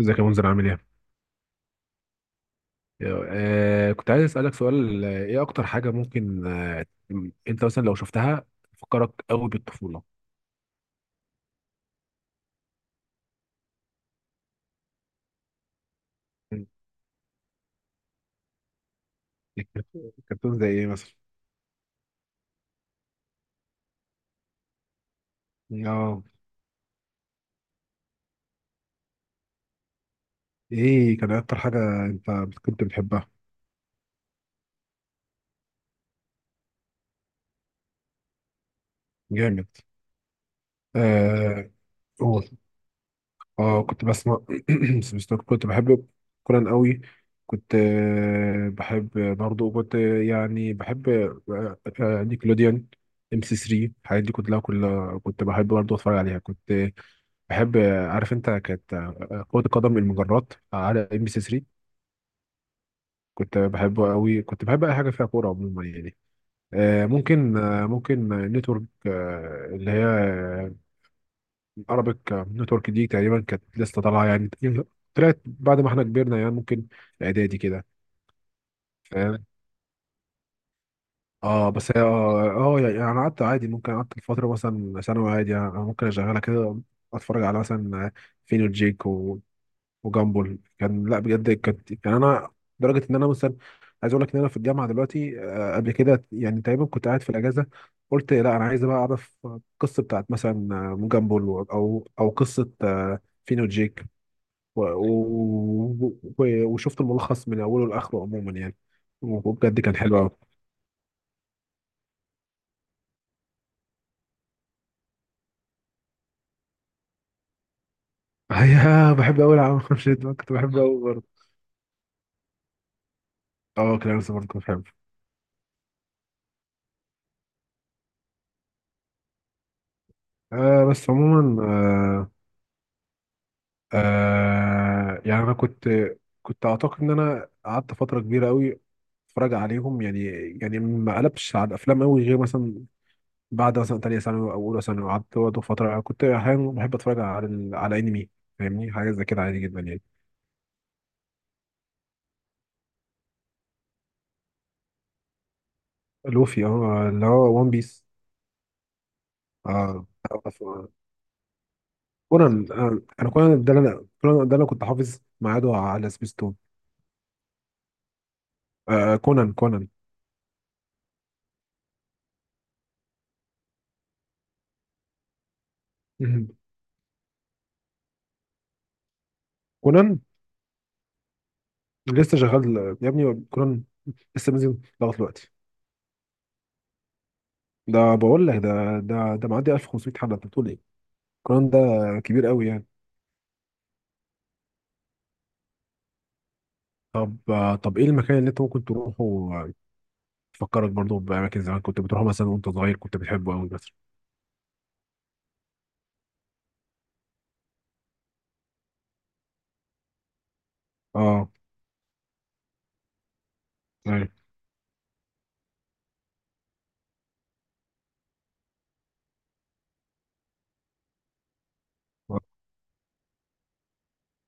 ازيك يا منذر، عامل ايه؟ كنت عايز اسالك سؤال، ايه اكتر حاجه ممكن انت مثلا لو شفتها تفكرك قوي بالطفوله؟ مم. الكرتون زي ايه مثلا؟ اه، ايه كان اكتر حاجة انت كنت بتحبها؟ جامد. آه قول. اه، كنت بسمع. سبيستون كنت بحب كوران قوي. كنت بحب، برضو كنت يعني بحب، نيكلوديان، ام سي 3، الحاجات دي كلها كنت بحب برضو اتفرج عليها. كنت بحب، عارف انت، كانت كرة القدم المجرات على ام سي 3، كنت بحبه قوي. كنت بحب اي حاجة فيها كورة عموما يعني. ممكن نتورك، اللي هي عربيك نتورك، دي تقريبا كانت لسه طالعه يعني، طلعت بعد ما احنا كبرنا، يعني ممكن اعدادي كده. فاهم؟ اه، بس هي اه، اه يعني انا قعدت عادي، ممكن قعدت فتره مثلا ثانوي عادي، يعني انا ممكن اشغلها كده، اتفرج على مثلا فين وجيك و- وجامبل، كان لا بجد كانت يعني انا لدرجه ان انا مثلا عايز اقول لك ان انا في الجامعه دلوقتي، قبل كده يعني، تقريبا كنت قاعد في الاجازه، قلت لا انا عايز بقى اعرف القصه بتاعت مثلا جامبل، او قصه فين وجيك، وشفت الملخص من اوله لاخره عموما يعني، وبجد كان حلو قوي. ايوه، بحب قوي العالم خمسة ده، كنت بحبه قوي برضه. اه، كلارنس برضه كنت بحبه. بس عموما، يعني انا كنت، كنت اعتقد ان انا قعدت فتره كبيره قوي اتفرج عليهم يعني. يعني ما قلبش على الافلام قوي، غير مثلا بعد مثلا تانية ثانوي او اولى ثانوي، قعدت برضه فتره كنت احيانا بحب اتفرج على على انمي، فاهمني، حاجه زي كده عادي جدا يعني. لوفي، اه، اللي هو وان بيس. اه، أعرف، آه. كونان، انا كونان ده، انا كونان ده، انا كنت حافظ ميعاده على سبيستون. كونان، كونان. مهم. كونان لسه شغال يا ابني، كونان لسه نازل لغايه دلوقتي. ده بقول لك ده، ده معدي 1500 حلقه، انت بتقول ايه؟ كونان ده كبير قوي يعني. طب، طب ايه المكان اللي انت ممكن تروحه، تفكرك برضه باماكن زمان كنت بتروحه مثلا وانت صغير كنت بتحبه قوي مثلا؟ اه. ايوه،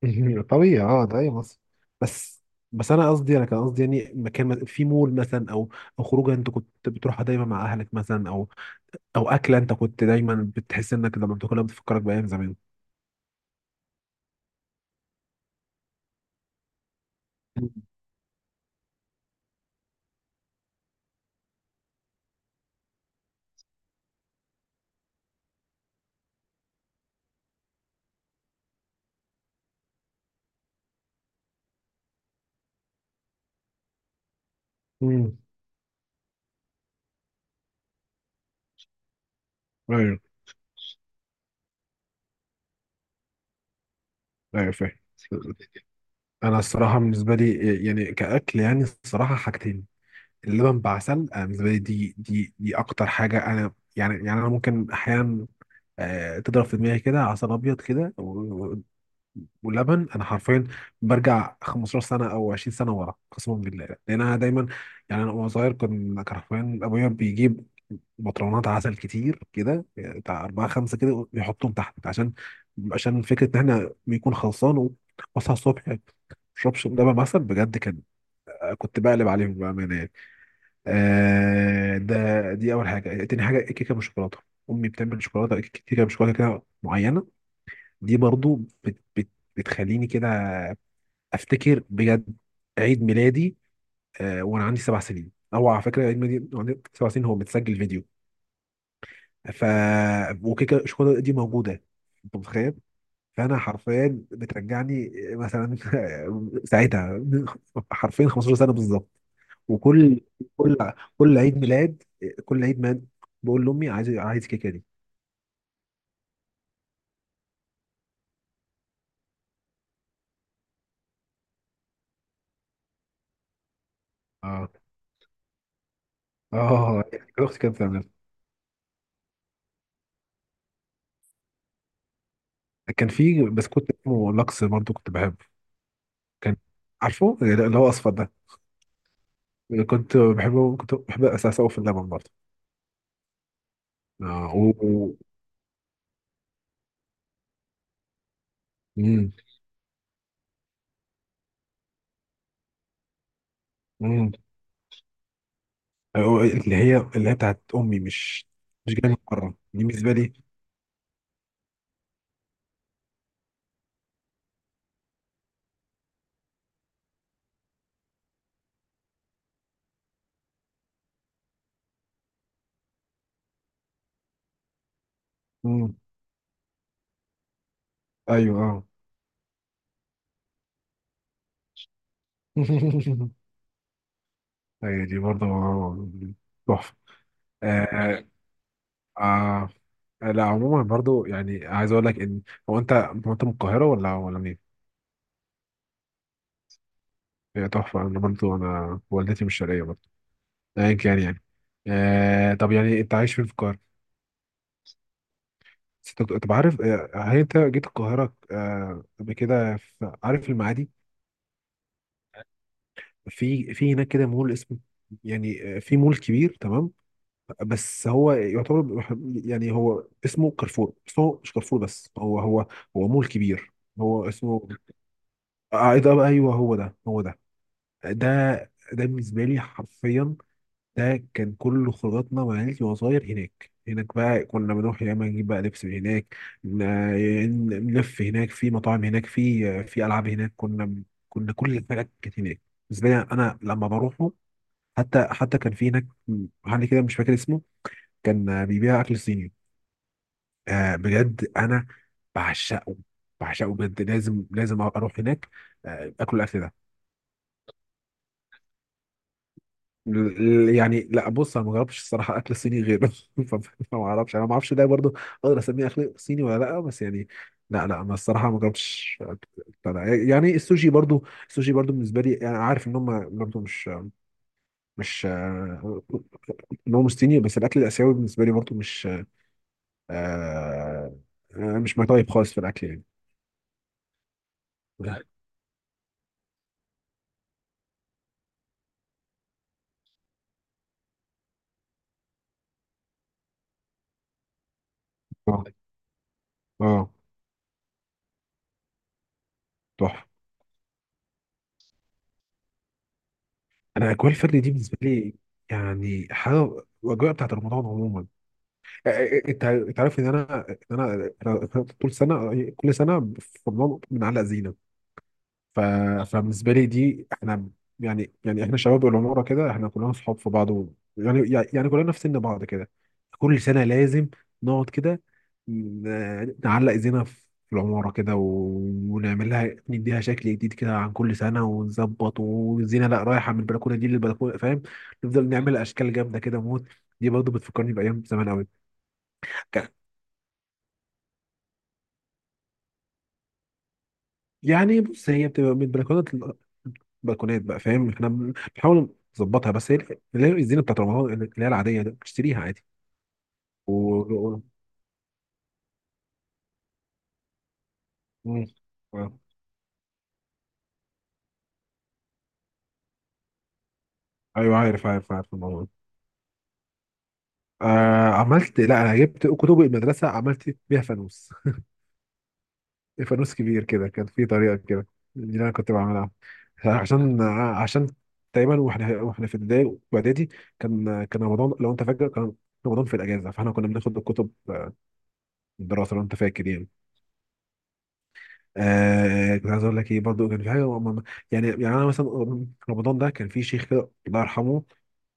طبيعي، اه ده اي مصر. بس بس انا قصدي، انا كان قصدي يعني مكان في مول مثلا، او او خروجه انت كنت بتروحها دايما مع اهلك مثلا، او او اكله انت كنت دايما بتحس انك لما بتاكلها بتفكرك بايام زمان. امم ايوه، ايوه، فاهم. انا الصراحه بالنسبه لي يعني كاكل، يعني الصراحه حاجتين. اللبن بعسل، انا بالنسبه لي دي، دي اكتر حاجه، انا يعني انا ممكن احيانا تضرب في دماغي كده عسل ابيض كده ولبن، انا حرفيا برجع 15 سنه او 20 سنه ورا قسما بالله، لان انا دايما، يعني انا وانا صغير كنت، حرفيا ابويا بيجيب بطرونات عسل كتير كده، يعني بتاع اربعه خمسه كده، ويحطهم تحت، عشان فكره ان احنا بيكون خلصان. واصحى الصبح ما اشربش لبن عسل، بجد كان، كنت بقلب عليهم بامانه يعني. آه، دي اول حاجه. تاني حاجه الكيكه بالشوكولاته. امي بتعمل كيكه بالشوكولاته كده معينه، دي برضو بت بت بتخليني كده افتكر بجد عيد ميلادي، وانا عندي 7 سنين، او على فكره عيد ميلادي وأنا عندي 7 سنين هو متسجل فيديو، ف وكيكه الشوكولاته دي موجوده، انت متخيل؟ فانا حرفيا بترجعني مثلا ساعتها، حرفيا 15 سنه بالظبط. وكل كل كل عيد ميلاد، كل عيد ميلاد بقول لامي عايز، الكيكه دي. اه، اه، اختي كانت بتعملها. كان في بسكوت اسمه لاكس برضه كنت بحبه، كان، عارفه اللي هو اصفر ده؟ كنت بحب اساس أوي في اللبن برضه، آه، و... و- مم. مم. أو اللي هي، بتاعت امي، مش مش جايه من بره، دي بالنسبه لي. مم. ايوه، اه، ايوه، دي برضه تحفه. آه آه لا عموما برضه، يعني عايز اقول لك ان، هو انت، من القاهره ولا منين؟ هي تحفه، انا برضه، انا والدتي مش شرقيه برضه، ايا كان يعني. آه طب يعني انت عايش فين في القاهره؟ بس انت طب عارف، هل انت جيت القاهره قبل كده؟ عارف المعادي؟ في هناك كده مول اسمه، يعني في مول كبير، تمام؟ بس هو يعتبر، يعني هو اسمه كارفور، بس هو مش كارفور، بس هو هو مول كبير، هو اسمه ايه ده بقى، ايوه هو ده، هو ده، ده، ده بالنسبه لي حرفيا ده كان كل خروجاتنا مع عيلتي وأنا صغير. هناك، هناك بقى كنا بنروح يا اما نجيب بقى لبس من هناك، ن- نلف هناك، في مطاعم هناك، في العاب هناك، كنا، كنا كل الحاجات كانت هناك، بالنسبه لي انا لما بروحه. حتى كان في هناك محل كده مش فاكر اسمه، كان بيبيع اكل صيني. آه بجد انا بعشقه، بعشقه بجد، لازم اروح هناك آه، اكل ده. ال- يعني لا، بص، انا ما جربتش الصراحه اكل صيني غيره، ف- فما اعرفش، انا ما اعرفش ده برضو اقدر اسميه اكل صيني ولا لا، بس يعني لا لا، ما الصراحه ما جربتش أكل، بتاع ده. يعني السوشي برضو، بالنسبه لي انا عارف ان هم برضو مش، مش ان هو مش صيني، بس الاكل الاسيوي بالنسبه لي برضو مش آه، مش ماي تايب خالص في الاكل يعني. اه، اه، تحفه. انا اجواء الفرد دي بالنسبه لي يعني حاجه، الاجواء بتاعت رمضان عموما. انت، عارف ان انا، أنا طول سنه، كل سنه في رمضان بنعلق زينه. ف... فبالنسبه لي دي، احنا يعني، احنا شباب العماره كده، احنا كلنا صحاب في بعض، و... يعني، كلنا في سن بعض كده، كل سنه لازم نقعد كده، نعلق زينه في العماره كده، و... ونعمل لها، نديها شكل جديد كده عن كل سنه، ونظبط، والزينه لا رايحه من البلكونه دي للبلكونه، فاهم؟ نفضل نعمل اشكال جامده كده موت، دي برضه بتفكرني بايام زمان قوي. يعني بص، هي بتبقى من بلكونات، بقى فاهم، احنا بنحاول نظبطها، بس هي اللي هي الزينه بتاعت رمضان اللي هي العاديه دي، بتشتريها عادي، و... و... مم. آه. ايوه عارف، الموضوع ده. آه، عملت، لا انا جبت كتب المدرسه عملت بيها فانوس، فانوس كبير كده كان في طريقه كده، دي اللي انا كنت بعملها، عشان، عشان تقريبا واحنا، في ابتدائي واعدادي كان، رمضان لو انت فاكر كان رمضان في الاجازه، فاحنا كنا بناخد الكتب الدراسه لو انت فاكر يعني. آه كنت عايز اقول لك ايه، برضو كان في حاجه يعني، انا مثلا، رمضان ده كان في شيخ كده الله يرحمه،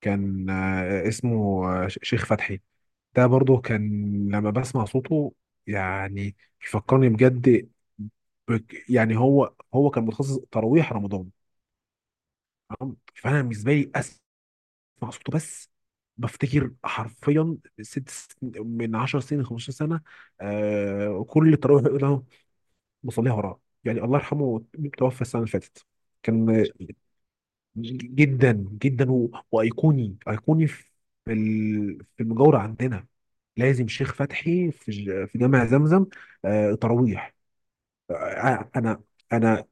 كان آه اسمه آه شيخ فتحي، ده برضو كان لما بسمع صوته يعني، يفكرني بجد يعني هو، كان متخصص تراويح رمضان، تمام؟ فانا بالنسبه لي اسمع صوته بس بفتكر حرفيا من 10 سنين، 15 سنه آه كل التراويح بصليها وراه يعني، الله يرحمه توفى السنه اللي فاتت. كان جدا جدا، و... ايقوني في في المجاوره عندنا، لازم شيخ فتحي في في جامع زمزم، تراويح، انا، انا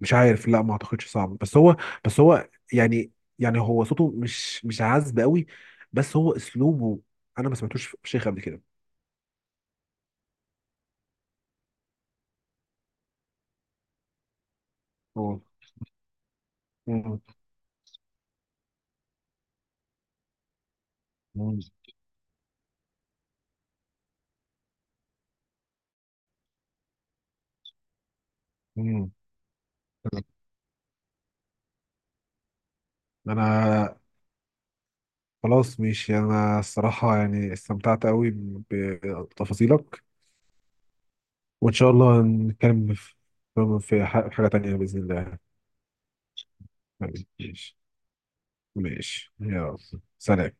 مش عارف، لا ما اعتقدش، صعب، بس هو، يعني، يعني هو صوته مش، عذب قوي، بس هو اسلوبه، انا ما سمعتوش في شيخ قبل كده هو. مم. مم. مم. انا خلاص ماشي، انا الصراحة يعني استمتعت قوي بتفاصيلك، وان شاء الله نتكلم في حاجة تانية بإذن الله. ماشي، ماشي، يلا، سلام.